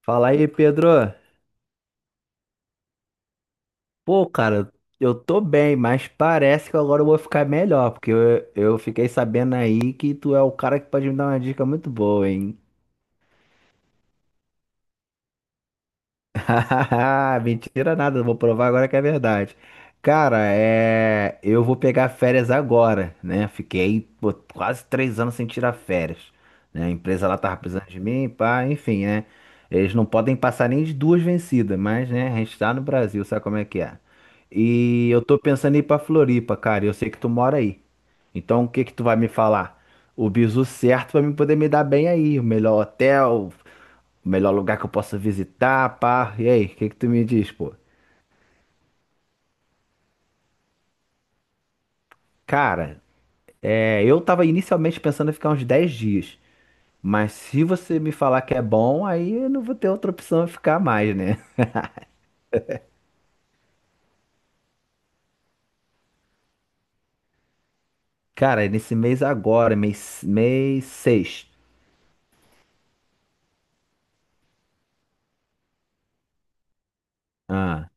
Fala aí, Pedro. Pô, cara, eu tô bem, mas parece que agora eu vou ficar melhor, porque eu fiquei sabendo aí que tu é o cara que pode me dar uma dica muito boa, hein? Mentira nada, vou provar agora que é verdade. Cara, eu vou pegar férias agora, né? Fiquei pô, quase 3 anos sem tirar férias, né? A empresa lá tava precisando de mim, pá, enfim, né? Eles não podem passar nem de 2 vencidas, mas, né, a gente tá no Brasil, sabe como é que é? E eu tô pensando em ir pra Floripa, cara, e eu sei que tu mora aí. Então, o que que tu vai me falar? O bizu certo pra mim poder me dar bem aí, o melhor hotel, o melhor lugar que eu possa visitar, pá. E aí, o que que tu me diz, pô? Cara, eu tava inicialmente pensando em ficar uns 10 dias. Mas se você me falar que é bom, aí eu não vou ter outra opção de ficar mais, né? Cara, é nesse mês agora, mês seis. Ah,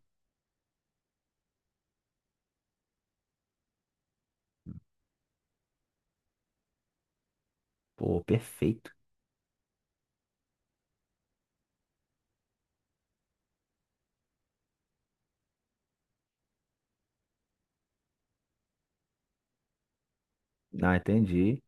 pô, perfeito. Ah, entendi.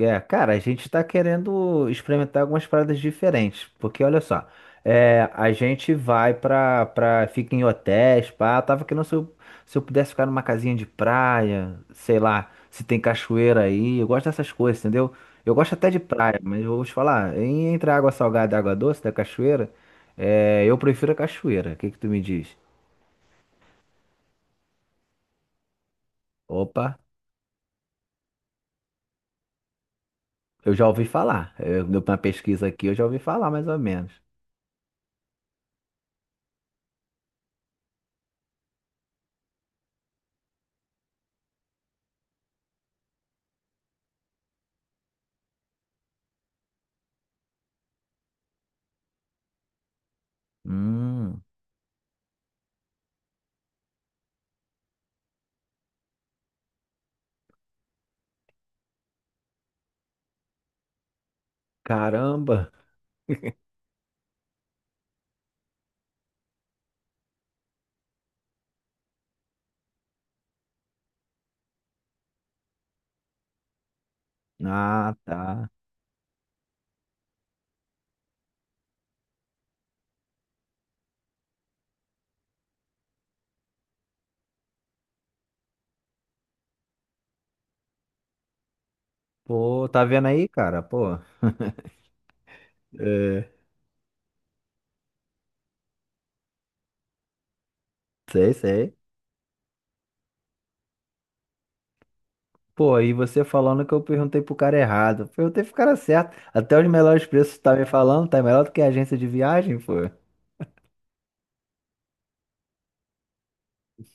É, cara, a gente tá querendo experimentar algumas paradas diferentes, porque olha só, a gente vai pra fica em hotéis, pá, tava querendo se eu pudesse ficar numa casinha de praia, sei lá, se tem cachoeira aí, eu gosto dessas coisas, entendeu? Eu gosto até de praia, mas eu vou te falar, entre a água salgada e a água doce da cachoeira, eu prefiro a cachoeira, o que que tu me diz? Opa, eu já ouvi falar, eu, deu uma pesquisa aqui, eu já ouvi falar mais ou menos. Hum, caramba. Ah, tá. Pô, tá vendo aí, cara? Pô, é, sei, sei. Pô, aí você falando que eu perguntei pro cara errado. Eu perguntei pro cara certo. Até os melhores preços tá me falando, tá melhor do que a agência de viagem, pô.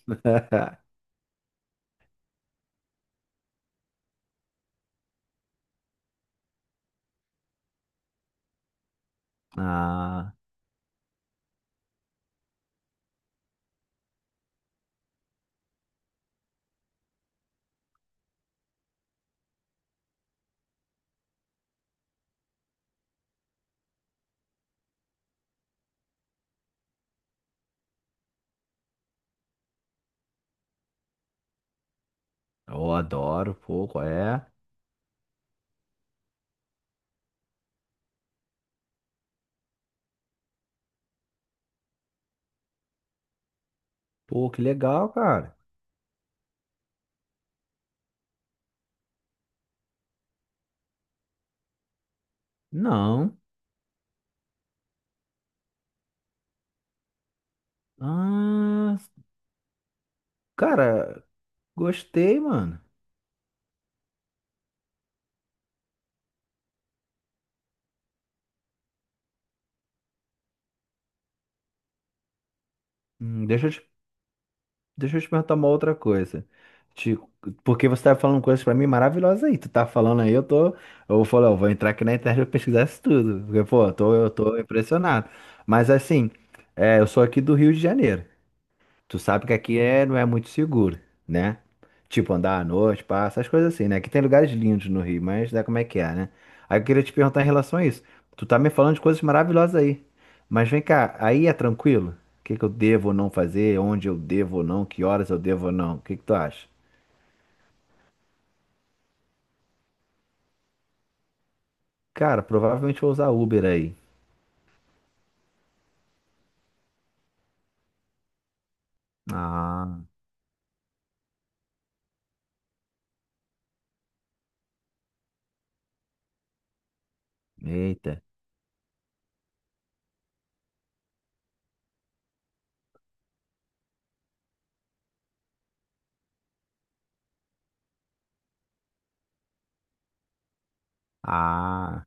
Ah, eu adoro, pô, qual é? Pô, que legal, cara. Não. Ah, cara, gostei, mano. Hum, deixa eu te Deixa eu te perguntar uma outra coisa. Te- porque você tá falando coisas pra mim maravilhosas aí. Tu tá falando aí, eu tô. Eu falei, eu vou entrar aqui na internet e pesquisar isso tudo. Porque, pô, eu tô impressionado. Mas assim, é, eu sou aqui do Rio de Janeiro. Tu sabe que aqui é, não é muito seguro, né? Tipo, andar à noite, passa, essas coisas assim, né? Aqui tem lugares lindos no Rio, mas é como é que é, né? Aí eu queria te perguntar em relação a isso. Tu tá me falando de coisas maravilhosas aí. Mas vem cá, aí é tranquilo? O que que eu devo ou não fazer? Onde eu devo ou não? Que horas eu devo ou não? O que que tu acha? Cara, provavelmente vou usar Uber aí. Ah, eita. Ah.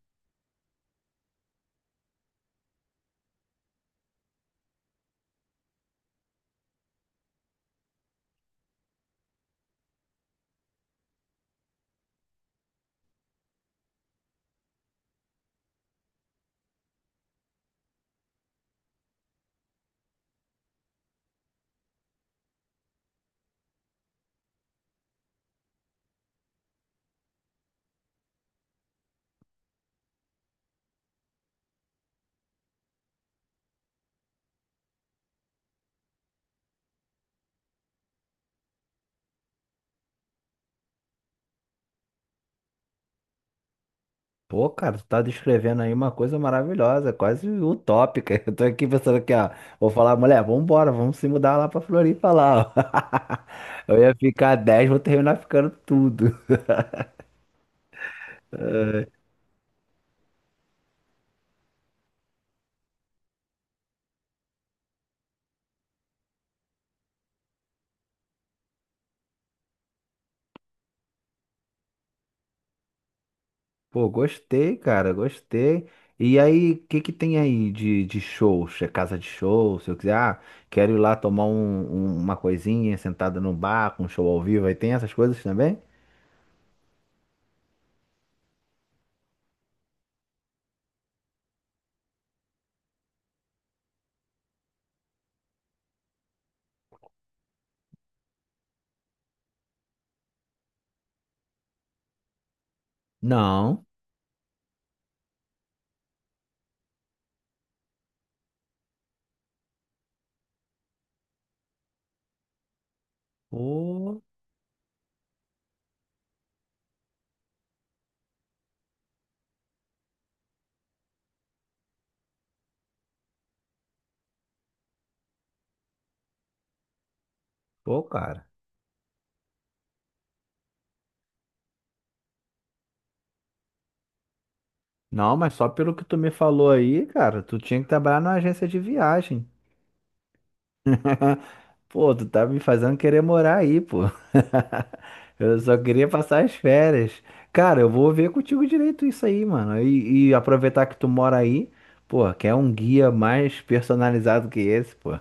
Pô, cara, tu tá descrevendo aí uma coisa maravilhosa, quase utópica. Eu tô aqui pensando aqui, ó. Vou falar, mulher, vambora, vamos se mudar lá pra Floripa lá, ó. Eu ia ficar 10, vou terminar ficando tudo. Pô, gostei, cara, gostei. E aí, o que que tem aí de shows? É casa de show? Se eu quiser, ah, quero ir lá tomar uma coisinha sentada num bar, com um show ao vivo, aí tem essas coisas também? Não. Pô, pô, cara. Não, mas só pelo que tu me falou aí, cara, tu tinha que trabalhar numa agência de viagem. Pô, tu tá me fazendo querer morar aí, pô. Eu só queria passar as férias. Cara, eu vou ver contigo direito isso aí, mano. E aproveitar que tu mora aí, pô, quer um guia mais personalizado que esse, pô.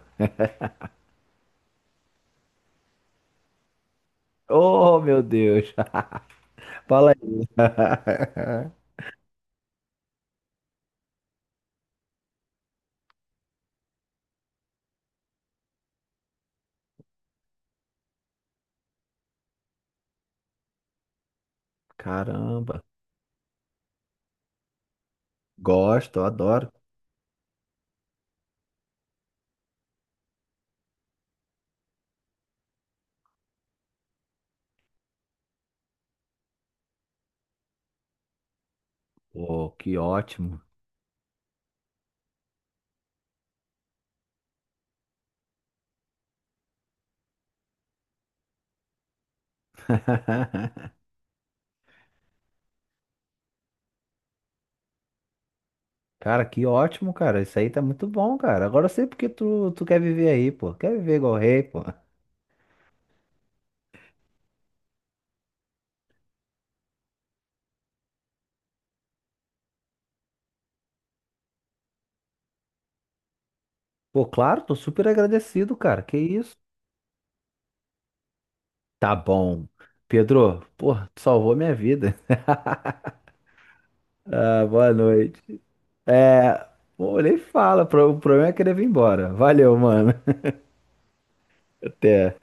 Oh, meu Deus. Fala aí. Caramba. Gosto, adoro. Pô, que ótimo. Cara, que ótimo, cara. Isso aí tá muito bom, cara. Agora eu sei porque tu quer viver aí, pô. Quer viver igual rei, pô. Pô, claro, tô super agradecido, cara. Que isso? Tá bom. Pedro, pô, tu salvou minha vida. Ah, boa noite. É, pô, nem fala. O problema é querer vir embora. Valeu, mano. Até.